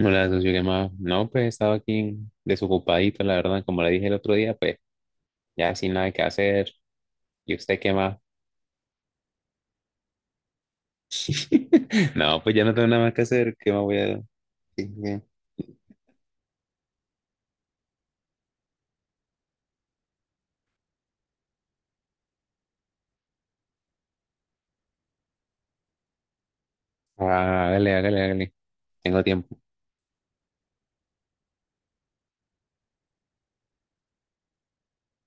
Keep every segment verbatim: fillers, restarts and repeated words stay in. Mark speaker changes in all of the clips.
Speaker 1: Hola, socio, ¿qué más? No, pues estaba aquí desocupadito, la verdad, como le dije el otro día, pues ya sin nada que hacer. ¿Y usted qué más? No, pues ya no tengo nada más que hacer, ¿qué más voy a... hacer? Sí, sí. Ah, hágale, hágale, hágale. Tengo tiempo.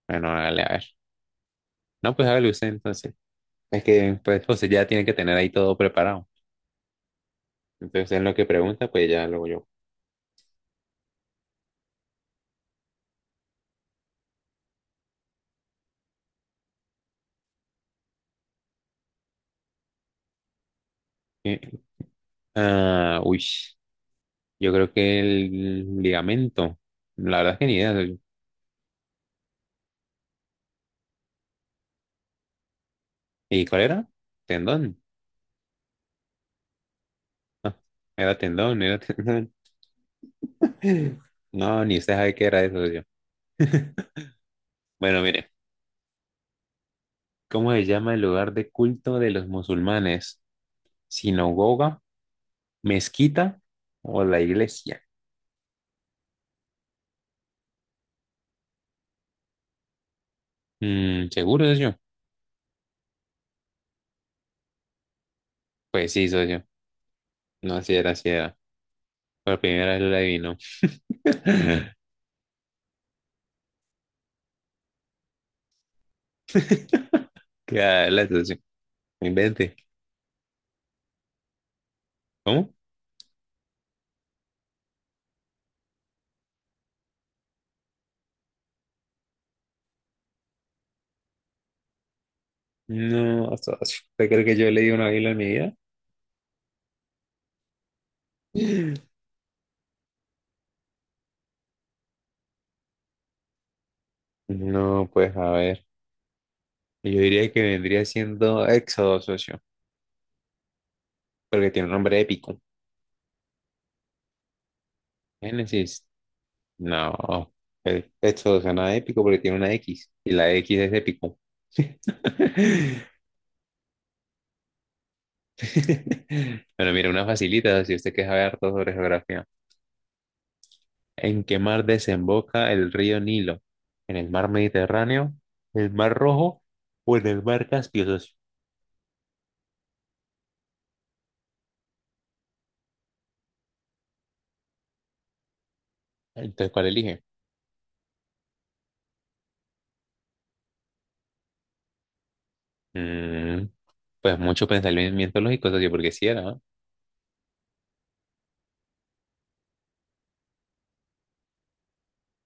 Speaker 1: Bueno, hágale, a ver. No, pues hágale usted entonces. Es que, pues, pues ya tiene que tener ahí todo preparado. Entonces, en lo que pregunta, pues ya lo hago yo. Eh, Ah, uy, yo creo que el ligamento. La verdad es que ni idea, socio. ¿Y cuál era? Tendón. No, era tendón, era tendón. No, ni usted sabe qué era eso yo. Bueno, mire, ¿cómo se llama el lugar de culto de los musulmanes? ¿Sinagoga, mezquita o la iglesia? Mm, ¿seguro, socio? Pues sí, socio. No, si era, si era. Por primera vez lo adivinó. Qué, la socio. Invente. ¿Cómo? No, socio. ¿Usted cree que yo leí una Biblia en mi vida? No, pues a ver. Yo diría que vendría siendo Éxodo, socio. Porque tiene un nombre épico. Génesis. No. eh, Esto suena épico porque tiene una X. Y la X es épico. Bueno, mira, una facilita si usted quiere saber todo sobre geografía. ¿En qué mar desemboca el río Nilo? ¿En el mar Mediterráneo? ¿El mar Rojo? ¿O en el mar Caspio, socio? Entonces, ¿cuál elige? Mm, pues mucho pensamiento lógico, socio, porque sí era, ¿no?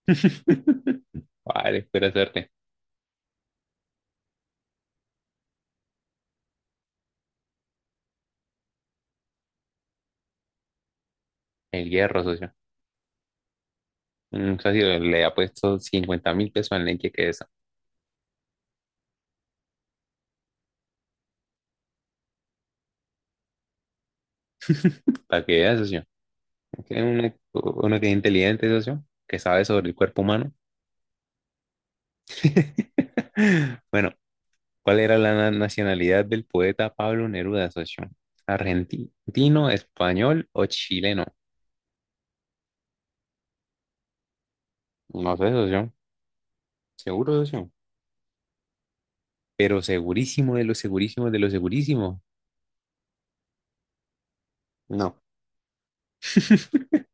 Speaker 1: Vale, espera suerte. El hierro, socio. Mm, socio, le ha puesto cincuenta mil pesos al Nike que es, para que veas, socio. Que Uno, uno que es inteligente, socio, que sabe sobre el cuerpo humano. Bueno, ¿cuál era la na- nacionalidad del poeta Pablo Neruda, socio? ¿Argentino, español o chileno? No sé, socio. Seguro, socio. Pero segurísimo de lo segurísimo de lo segurísimo. No.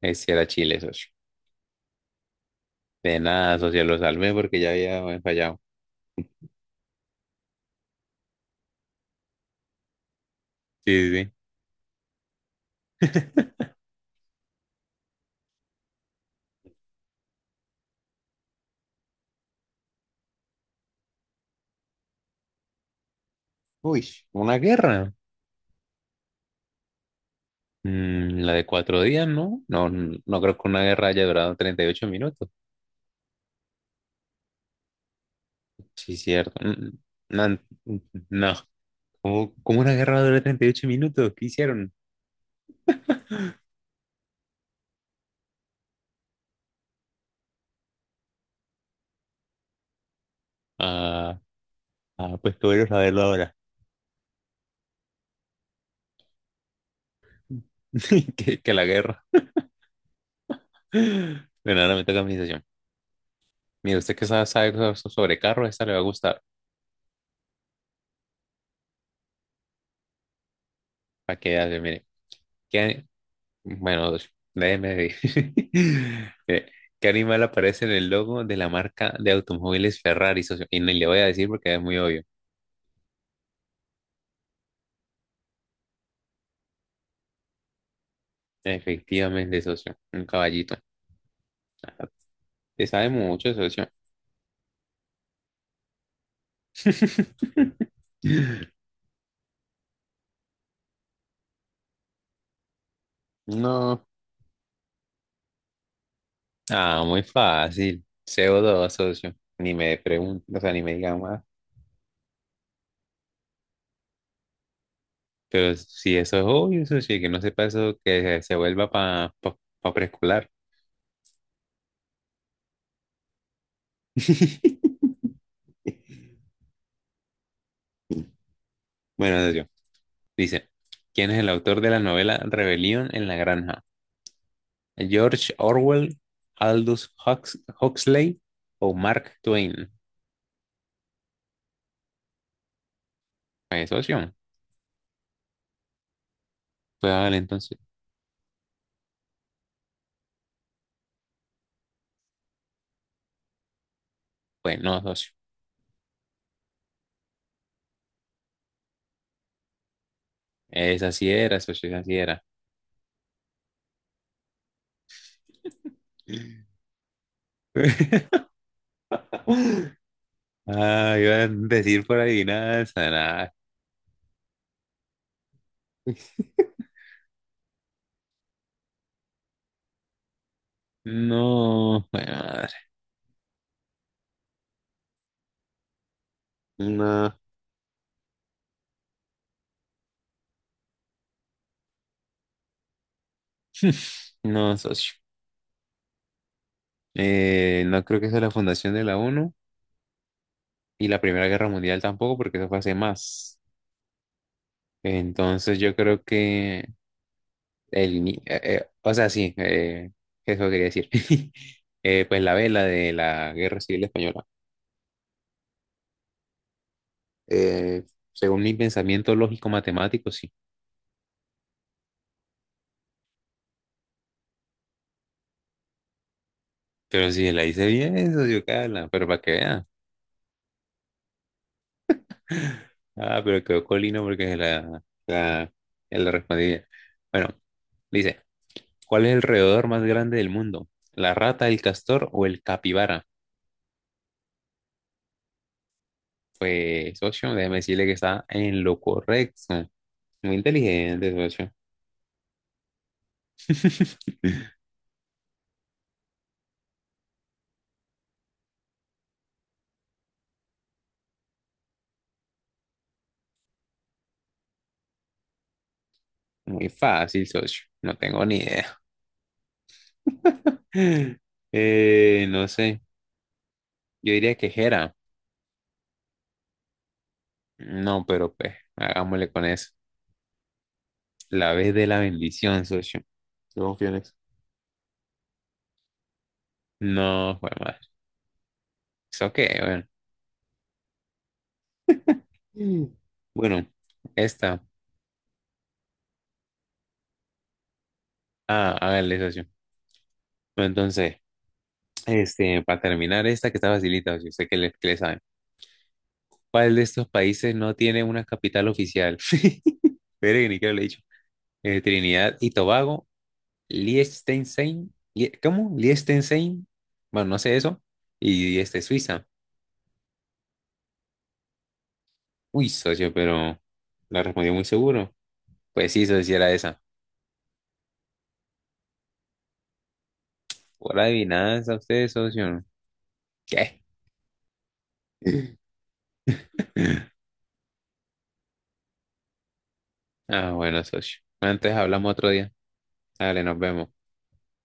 Speaker 1: Ese era Chile, socio. De nada, socio, lo salvé porque ya había fallado. Sí, sí, sí. Uy, una guerra. Mm, la de cuatro días, ¿no? No, n- no creo que una guerra haya durado treinta y ocho minutos. Sí, cierto. Mm, no, mm, no. ¿Cómo, cómo una guerra dura treinta y ocho minutos? ¿Qué hicieron? Ah, ah, pues que voy saberlo ahora. Que, que la guerra. Bueno, ahora me toca mi sesión. Mire, usted que sabe, sabe so- sobre carros, esta le va a gustar. Para que vea, mire. ¿Qué, Bueno, déjeme ver. ¿Qué animal aparece en el logo de la marca de automóviles Ferrari, socio? Y no le voy a decir porque es muy obvio. Efectivamente, socio. Un caballito. Ajá. Te sabe mucho, socio. No. Ah, muy fácil. CO dos, socio. Ni me pregunto, o sea, ni me digan más. Pero si eso es obvio, socio, que no sepa eso, que se vuelva para pa, pa- pa preescolar. Bueno, socio. Dice, ¿quién es el autor de la novela Rebelión en la Granja? ¿George Orwell, Aldous Hux- Huxley o Mark Twain? ¿Es socio? Pues vale, entonces. Pues no, socio. Esa sí era, socio, esa sí era. Ah, iba a decir por adivinanza, nada. No, bueno, madre. No, no, socio. Eh, no creo que sea la fundación de la ONU y la Primera Guerra Mundial tampoco, porque eso fue hace más. Entonces yo creo que el, ini- eh, eh, o sea, sí, eh, eso quería decir. Eh, pues la vela de la Guerra Civil Española. Eh, según mi pensamiento lógico-matemático, sí. Pero si la hice bien, eso yo Carla, pero para que vea. Ah, pero quedó colino porque se la, la, se la respondí. Bueno, dice, ¿cuál es el roedor más grande del mundo? ¿La rata, el castor o el capibara? Pues, socio, déjeme decirle que está en lo correcto. Muy inteligente, socio. Muy fácil, socio. No tengo ni idea. Eh, no sé. Yo diría que Jera. No, pero pues, hagámosle con eso. La vez de la bendición, socio. Yo confío en eso. No, fue mal. ¿Eso qué? Bueno. Mm. Bueno, esta. Ah, hágale, socio. Bueno, entonces, este, para terminar esta que está facilita, socio. Sé que le, que le saben. ¿Cuál de estos países no tiene una capital oficial? Pero ni que lo he dicho. eh, Trinidad y Tobago, Liechtenstein, Lie- ¿cómo? Liechtenstein, bueno, no sé eso, y este Suiza. Uy, socio, pero la respondí muy seguro. Pues sí, socio, sí era esa. Por adivinanza, usted, socio. ¿Qué? Ah, bueno, socio. Antes hablamos otro día. Dale, nos vemos.